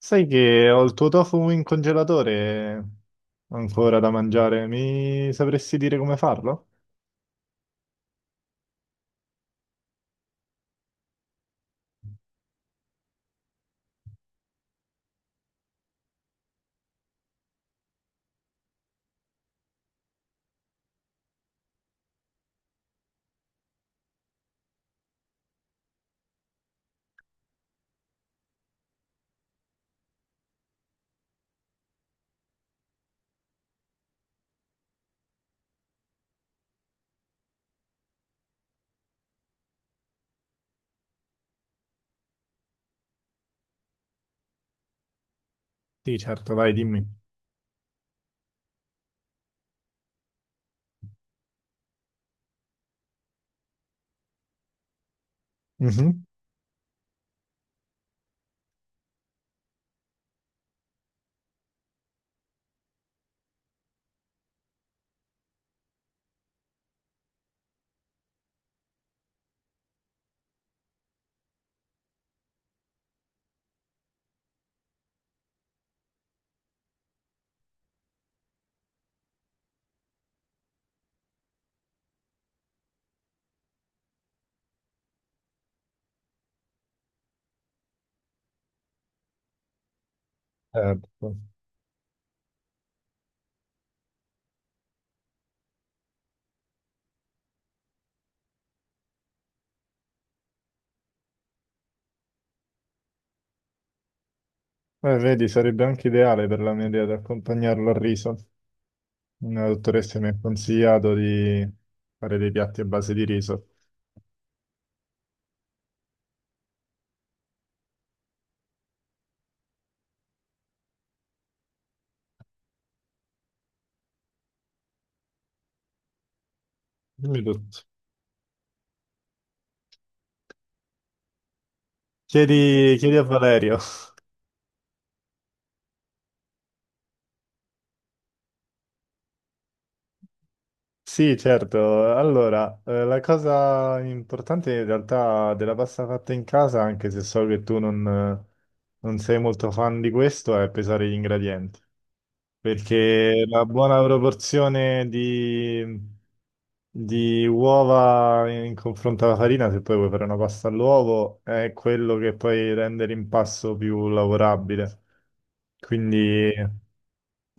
Sai che ho il tuo tofu in congelatore ancora da mangiare. Mi sapresti dire come farlo? Sì, certo, vai, dimmi. Mhm. Certo. Vedi, sarebbe anche ideale per la mia idea di accompagnarlo al riso. Una dottoressa mi ha consigliato di fare dei piatti a base di riso. Dimmi tutto. Chiedi a Valerio. Sì, certo. Allora, la cosa importante in realtà della pasta fatta in casa, anche se so che tu non, non sei molto fan di questo, è pesare gli ingredienti. Perché la buona proporzione di uova in confronto alla farina, se poi vuoi fare una pasta all'uovo, è quello che poi rende l'impasto più lavorabile. Quindi,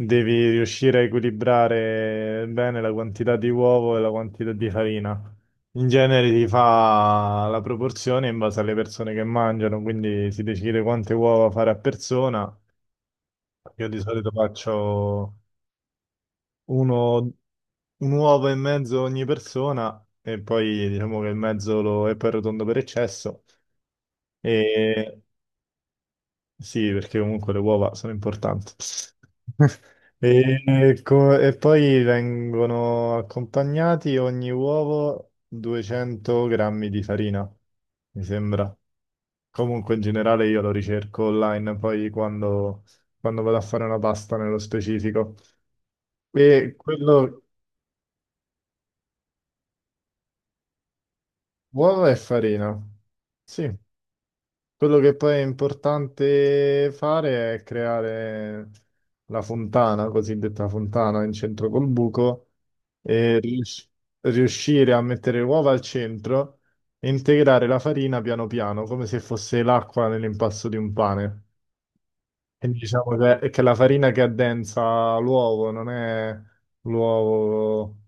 devi riuscire a equilibrare bene la quantità di uovo e la quantità di farina. In genere si fa la proporzione in base alle persone che mangiano, quindi si decide quante uova fare a persona. Io di solito faccio uno- un uovo e mezzo ogni persona e poi diciamo che è poi rotondo per eccesso. E sì, perché comunque le uova sono importanti. E poi vengono accompagnati ogni uovo 200 grammi di farina, mi sembra. Comunque in generale io lo ricerco online quando vado a fare una pasta nello specifico. E quello, uova e farina. Sì. Quello che poi è importante fare è creare la fontana, cosiddetta fontana in centro col buco, e riuscire a mettere le uova al centro e integrare la farina piano piano, come se fosse l'acqua nell'impasto di un pane. Quindi diciamo che la farina che addensa l'uovo non è l'uovo,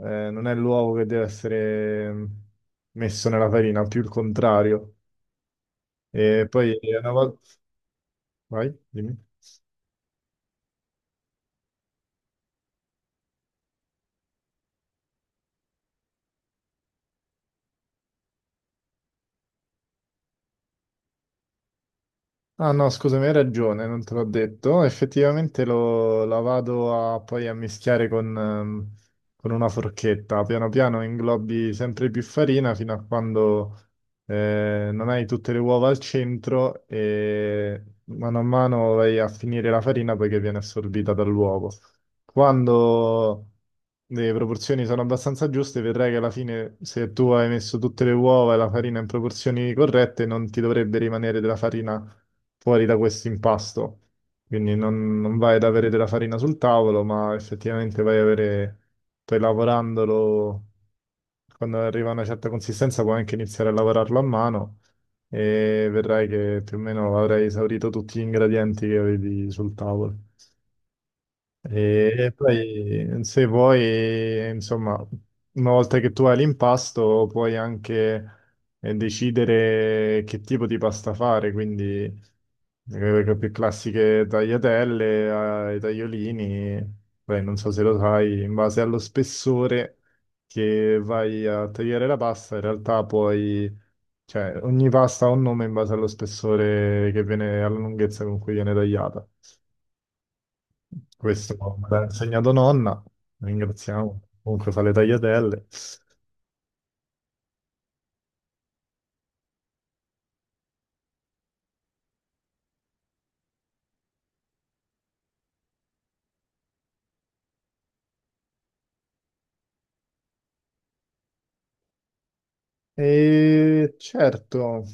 non è l'uovo che deve essere messo nella farina, più il contrario. E poi una volta. Vai, dimmi. Ah no, scusami, hai ragione, non te l'ho detto. Effettivamente lo, la vado a, poi a mischiare con una forchetta. Piano piano inglobi sempre più farina fino a quando non hai tutte le uova al centro e mano a mano vai a finire la farina poiché viene assorbita dall'uovo. Quando le proporzioni sono abbastanza giuste, vedrai che alla fine, se tu hai messo tutte le uova e la farina in proporzioni corrette, non ti dovrebbe rimanere della farina fuori da questo impasto. Quindi non vai ad avere della farina sul tavolo, ma effettivamente vai ad avere, poi lavorandolo, quando arriva a una certa consistenza puoi anche iniziare a lavorarlo a mano e vedrai che più o meno avrai esaurito tutti gli ingredienti che avevi sul tavolo. E poi, se vuoi, insomma, una volta che tu hai l'impasto, puoi anche decidere che tipo di pasta fare, quindi le più classiche tagliatelle, ai tagliolini, poi non so se lo sai, in base allo spessore che vai a tagliare la pasta, in realtà puoi, cioè, ogni pasta ha un nome in base allo spessore che viene, alla lunghezza con cui viene tagliata. Questo me l'ha insegnato nonna, ringraziamo. Comunque fa le tagliatelle. E certo,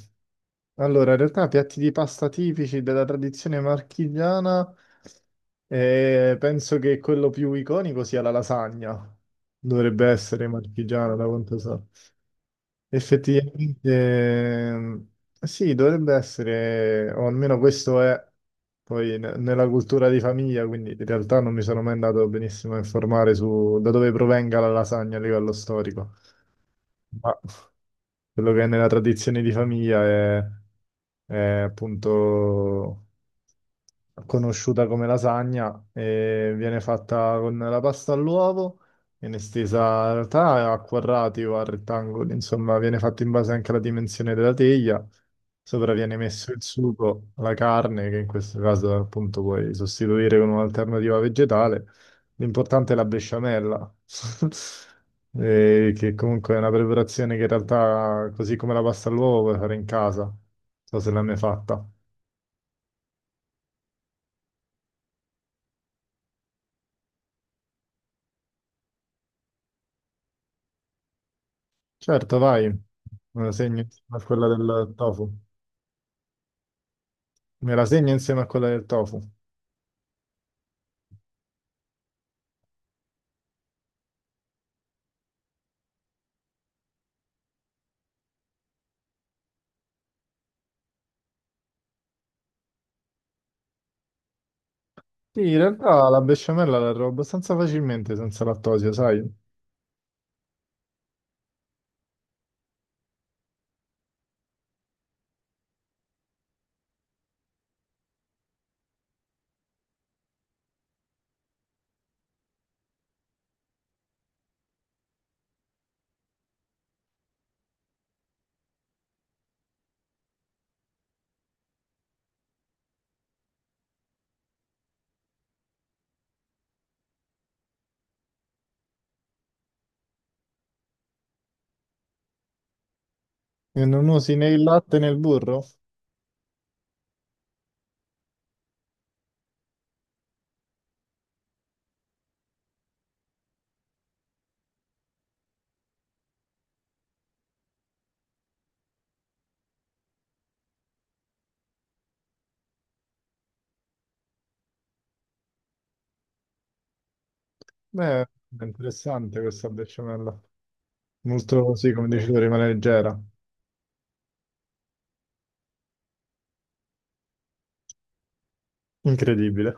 allora in realtà piatti di pasta tipici della tradizione marchigiana, penso che quello più iconico sia la lasagna. Dovrebbe essere marchigiana, da quanto so. Effettivamente, sì, dovrebbe essere, o almeno questo è poi nella cultura di famiglia, quindi in realtà non mi sono mai andato benissimo a informare su da dove provenga la lasagna a livello storico, ma quello che è nella tradizione di famiglia è appunto conosciuta come lasagna, e viene fatta con la pasta all'uovo, viene stesa in realtà a quadrati o a rettangoli, insomma, viene fatta in base anche alla dimensione della teglia. Sopra viene messo il sugo, la carne, che in questo caso appunto puoi sostituire con un'alternativa vegetale. L'importante è la besciamella, che comunque è una preparazione che in realtà, così come la pasta all'uovo, puoi fare in casa. Non so se l'hai mai fatta. Certo, vai. Me la segno insieme a quella del tofu. Me la segno insieme a quella del tofu. Sì, in realtà la besciamella la trovo abbastanza facilmente senza lattosio, sai? E non usi né il latte né il burro? Beh, è interessante questa besciamella. Molto, sì, come dici tu, rimane leggera. Incredibile.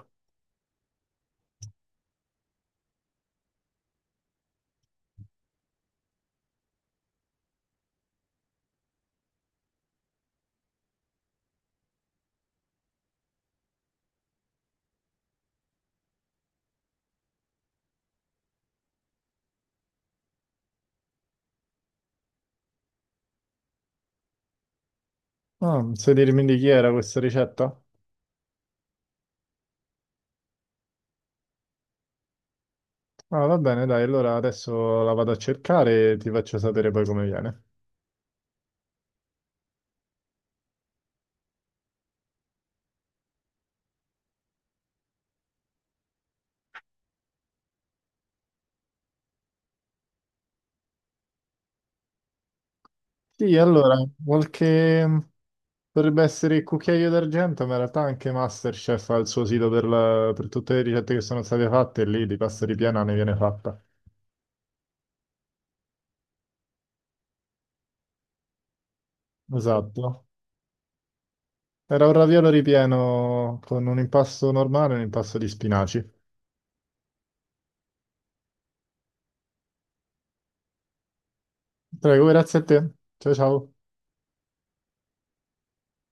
Ah, sai dirmi di chi era questa ricetta? Ah, va bene, dai, allora adesso la vado a cercare e ti faccio sapere poi come viene. Sì, allora, qualche dovrebbe essere il cucchiaio d'argento, ma in realtà anche MasterChef ha il suo sito per tutte le ricette che sono state fatte e lì di pasta ripiena ne viene fatta. Esatto. Era un raviolo ripieno con un impasto normale e un impasto di spinaci. Prego, grazie a te. Ciao ciao.